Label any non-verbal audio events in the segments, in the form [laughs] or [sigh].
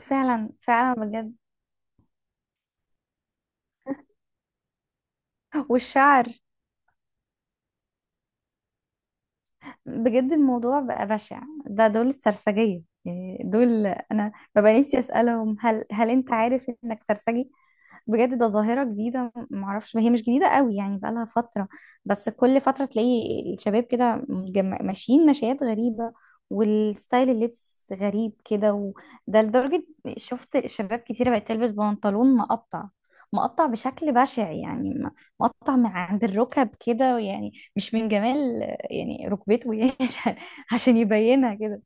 فعلا فعلا بجد. والشعر بجد الموضوع بقى بشع. ده دول السرسجية، يعني دول انا ببقى نفسي اسالهم هل انت عارف انك سرسجي؟ بجد ده ظاهرة جديدة، معرفش هي مش جديدة قوي، يعني بقالها فترة. بس كل فترة تلاقي الشباب كده ماشيين مشيات غريبة، والستايل اللبس غريب كده. وده لدرجة شفت شباب كتيرة بقت تلبس بنطلون مقطع، مقطع بشكل بشع، يعني مقطع من عند الركب كده، يعني مش من جمال يعني ركبته يعني [laughs] عشان عشان يبينها كده.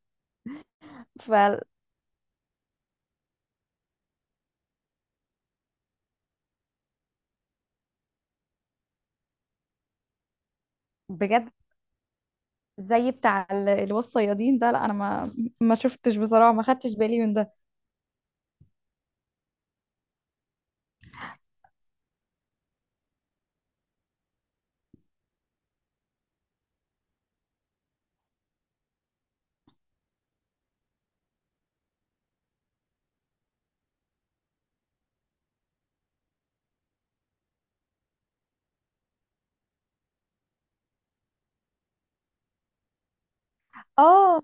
فبجد زي بتاع اللي هو الصيادين ده. لا انا ما شفتش بصراحه، ما خدتش بالي من ده. اه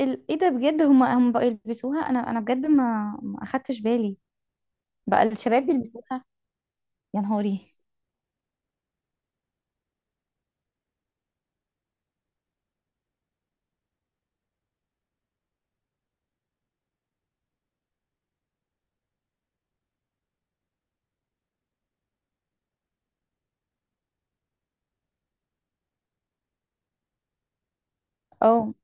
ايه ده بجد، هم بقوا يلبسوها؟ انا بجد ما اخدتش بالي. بقى الشباب بيلبسوها؟ يا نهاري. اه،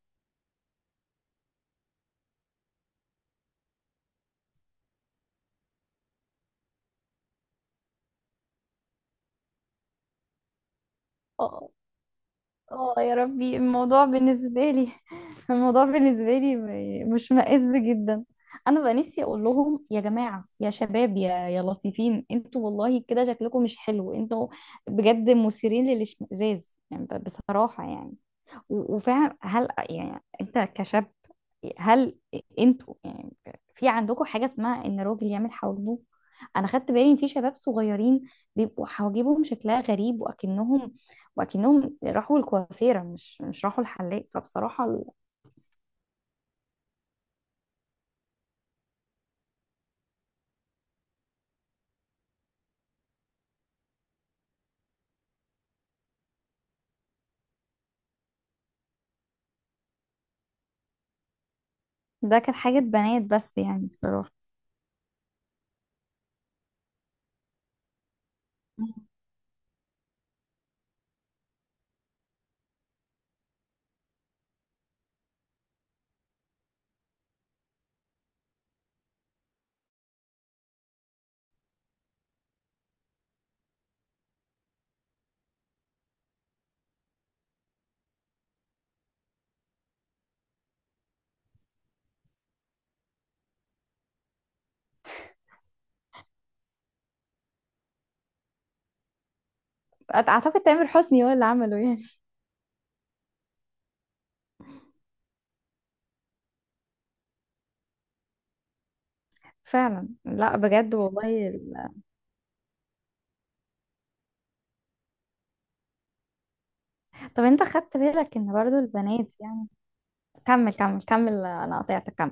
اه يا ربي الموضوع بالنسبة لي [laughs] الموضوع بالنسبة لي مش مائز جدا. انا بقى نفسي اقول لهم يا جماعة، يا شباب، يا لطيفين انتوا، والله كده شكلكم مش حلو انتوا، بجد مثيرين للاشمئزاز، يعني بصراحة يعني. وفعلا هل يعني انت كشاب، هل انتوا يعني في عندكم حاجة اسمها ان الراجل يعمل حواجبه؟ انا خدت بالي ان في شباب صغيرين بيبقوا حواجبهم شكلها غريب، واكنهم راحوا الكوافيرة، مش راحوا الحلاق. فبصراحة ده كانت حاجة بنات بس يعني بصراحة. اعتقد تامر حسني هو اللي عمله يعني. [laughs] فعلا، لا بجد والله ال-. طب انت خدت بالك ان برضو البنات يعني، كمل كمل كمل انا قطعتك كمل.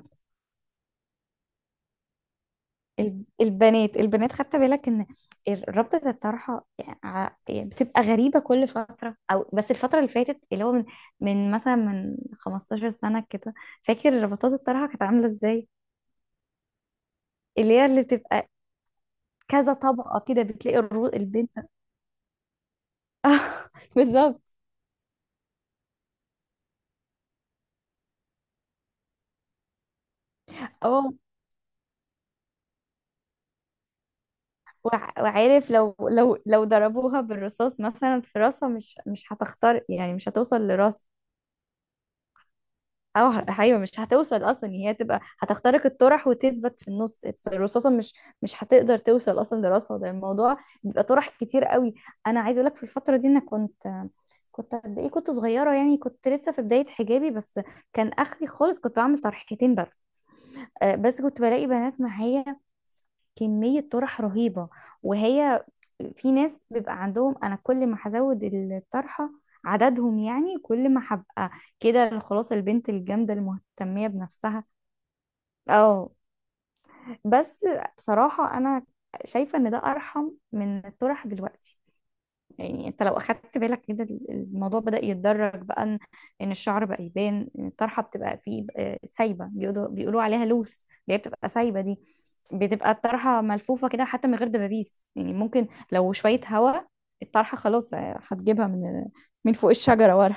البنات خدت بالك ان رابطة الطرحة يعني بتبقى غريبة كل فترة؟ او بس الفترة اللي فاتت، اللي هو من مثلا من 15 سنة كده، فاكر ربطات الطرحة كانت عاملة ازاي؟ اللي هي اللي بتبقى كذا طبقة كده، بتلاقي البنت [laughs] آه، بالظبط. اه وعارف لو لو ضربوها بالرصاص مثلا في راسها، مش مش هتختار، يعني مش هتوصل لراسها. اه، ايوه مش هتوصل اصلا، يعني هي تبقى هتخترق الطرح وتثبت في النص. الرصاصه مش هتقدر توصل اصلا لراسها. ده الموضوع بيبقى طرح كتير قوي. انا عايزه اقول لك في الفتره دي انا كنت كنت قد ايه، كنت صغيره يعني، كنت لسه في بدايه حجابي بس. كان اخري خالص كنت بعمل طرحتين بس. آه، بس كنت بلاقي بنات معايا كمية طرح رهيبة. وهي في ناس بيبقى عندهم، أنا كل ما هزود الطرحة عددهم، يعني كل ما هبقى كده خلاص البنت الجامدة المهتمية بنفسها. اه بس بصراحة أنا شايفة إن ده أرحم من الطرح دلوقتي. يعني انت لو اخدت بالك كده، الموضوع بدأ يتدرج بقى ان ان الشعر بقى يبان، ان الطرحه بتبقى فيه آه، سايبه، بيقولوا عليها لوس، اللي هي بتبقى سايبه دي. بتبقى الطرحه ملفوفه كده حتى من غير دبابيس، يعني ممكن لو شويه هوا الطرحه خلاص، آه، هتجيبها من من فوق الشجره ورا.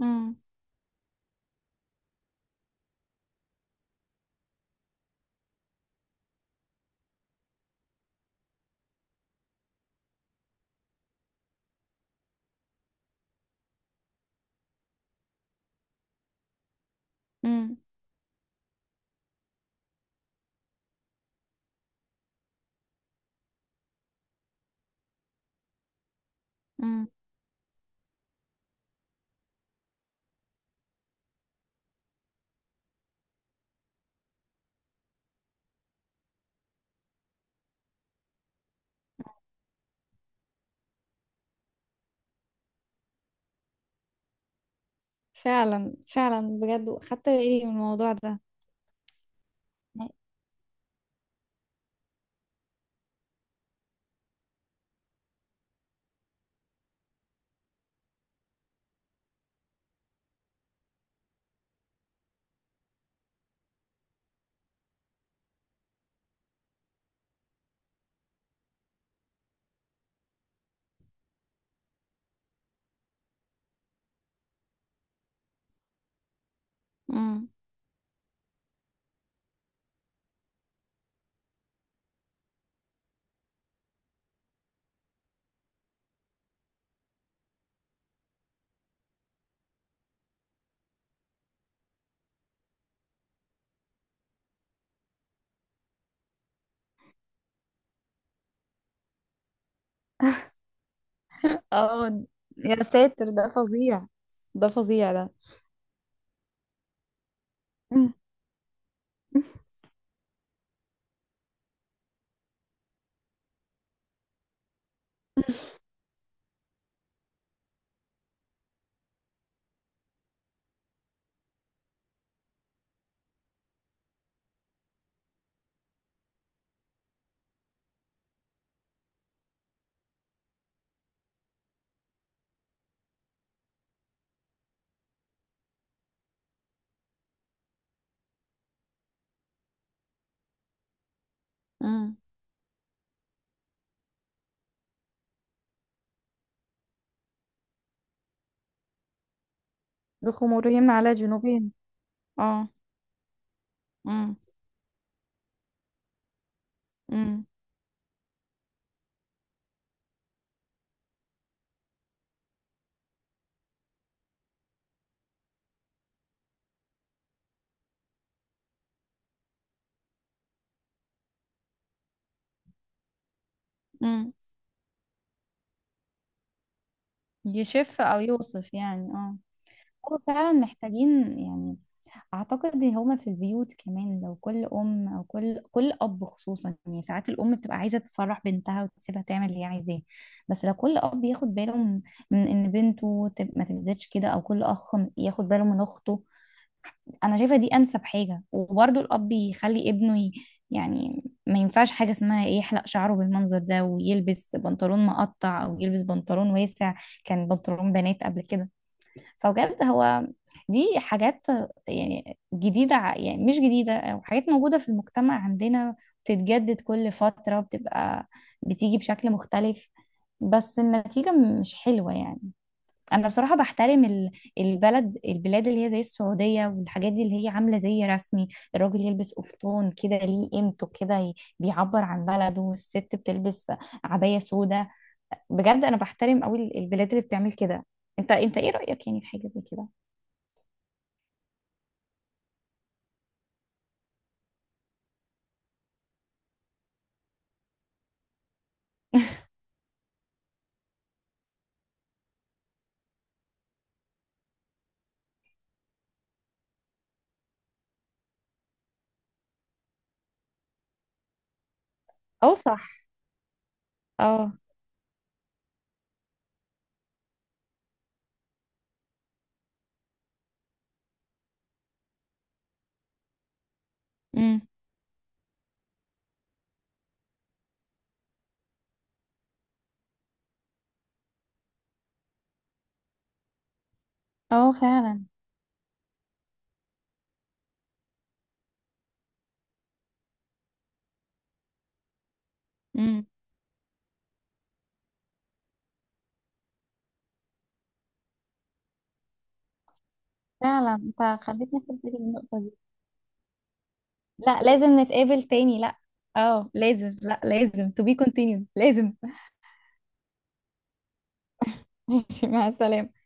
امم. امم. امم فعلا فعلا بجد، خدت بالي من الموضوع ده. امم. اه يا ساتر ده فظيع، ده فظيع ده. امم. بخمورهم على جنوبهم. اه. امم. امم. امم. يشف او يوصف يعني اه. هو فعلا محتاجين يعني، اعتقد إن هما في البيوت كمان لو كل ام او كل كل اب خصوصا، يعني ساعات الام بتبقى عايزه تفرح بنتها وتسيبها تعمل اللي هي عايزاه. بس لو كل اب ياخد باله من ان بنته ما تبذلش كده، او كل اخ ياخد باله من اخته. انا شايفه دي انسب حاجه. وبرضه الاب يخلي ابنه ي... يعني ما ينفعش حاجه اسمها إيه، يحلق شعره بالمنظر ده ويلبس بنطلون مقطع، او يلبس بنطلون واسع كان بنطلون بنات قبل كده. فبجد هو دي حاجات يعني جديده، يعني مش جديده، او حاجات موجوده في المجتمع عندنا بتتجدد كل فتره، بتبقى بتيجي بشكل مختلف بس النتيجه مش حلوه يعني. انا بصراحه بحترم البلد، البلاد اللي هي زي السعوديه والحاجات دي اللي هي عامله زي رسمي، الراجل يلبس قفطان كده ليه قيمته كده بيعبر عن بلده، والست بتلبس عبايه سودا. بجد انا بحترم قوي البلاد اللي بتعمل كده. انت ايه رايك يعني في حاجه زي كده؟ [laughs] اه صح. اه. امم. اه فعلا. امم. فعلا انت خليتني اخد بالي من النقطه دي. لا لازم نتقابل تاني. لا اه لازم، لا لازم to be continued لازم. [laughs] ماشي، مع السلامه.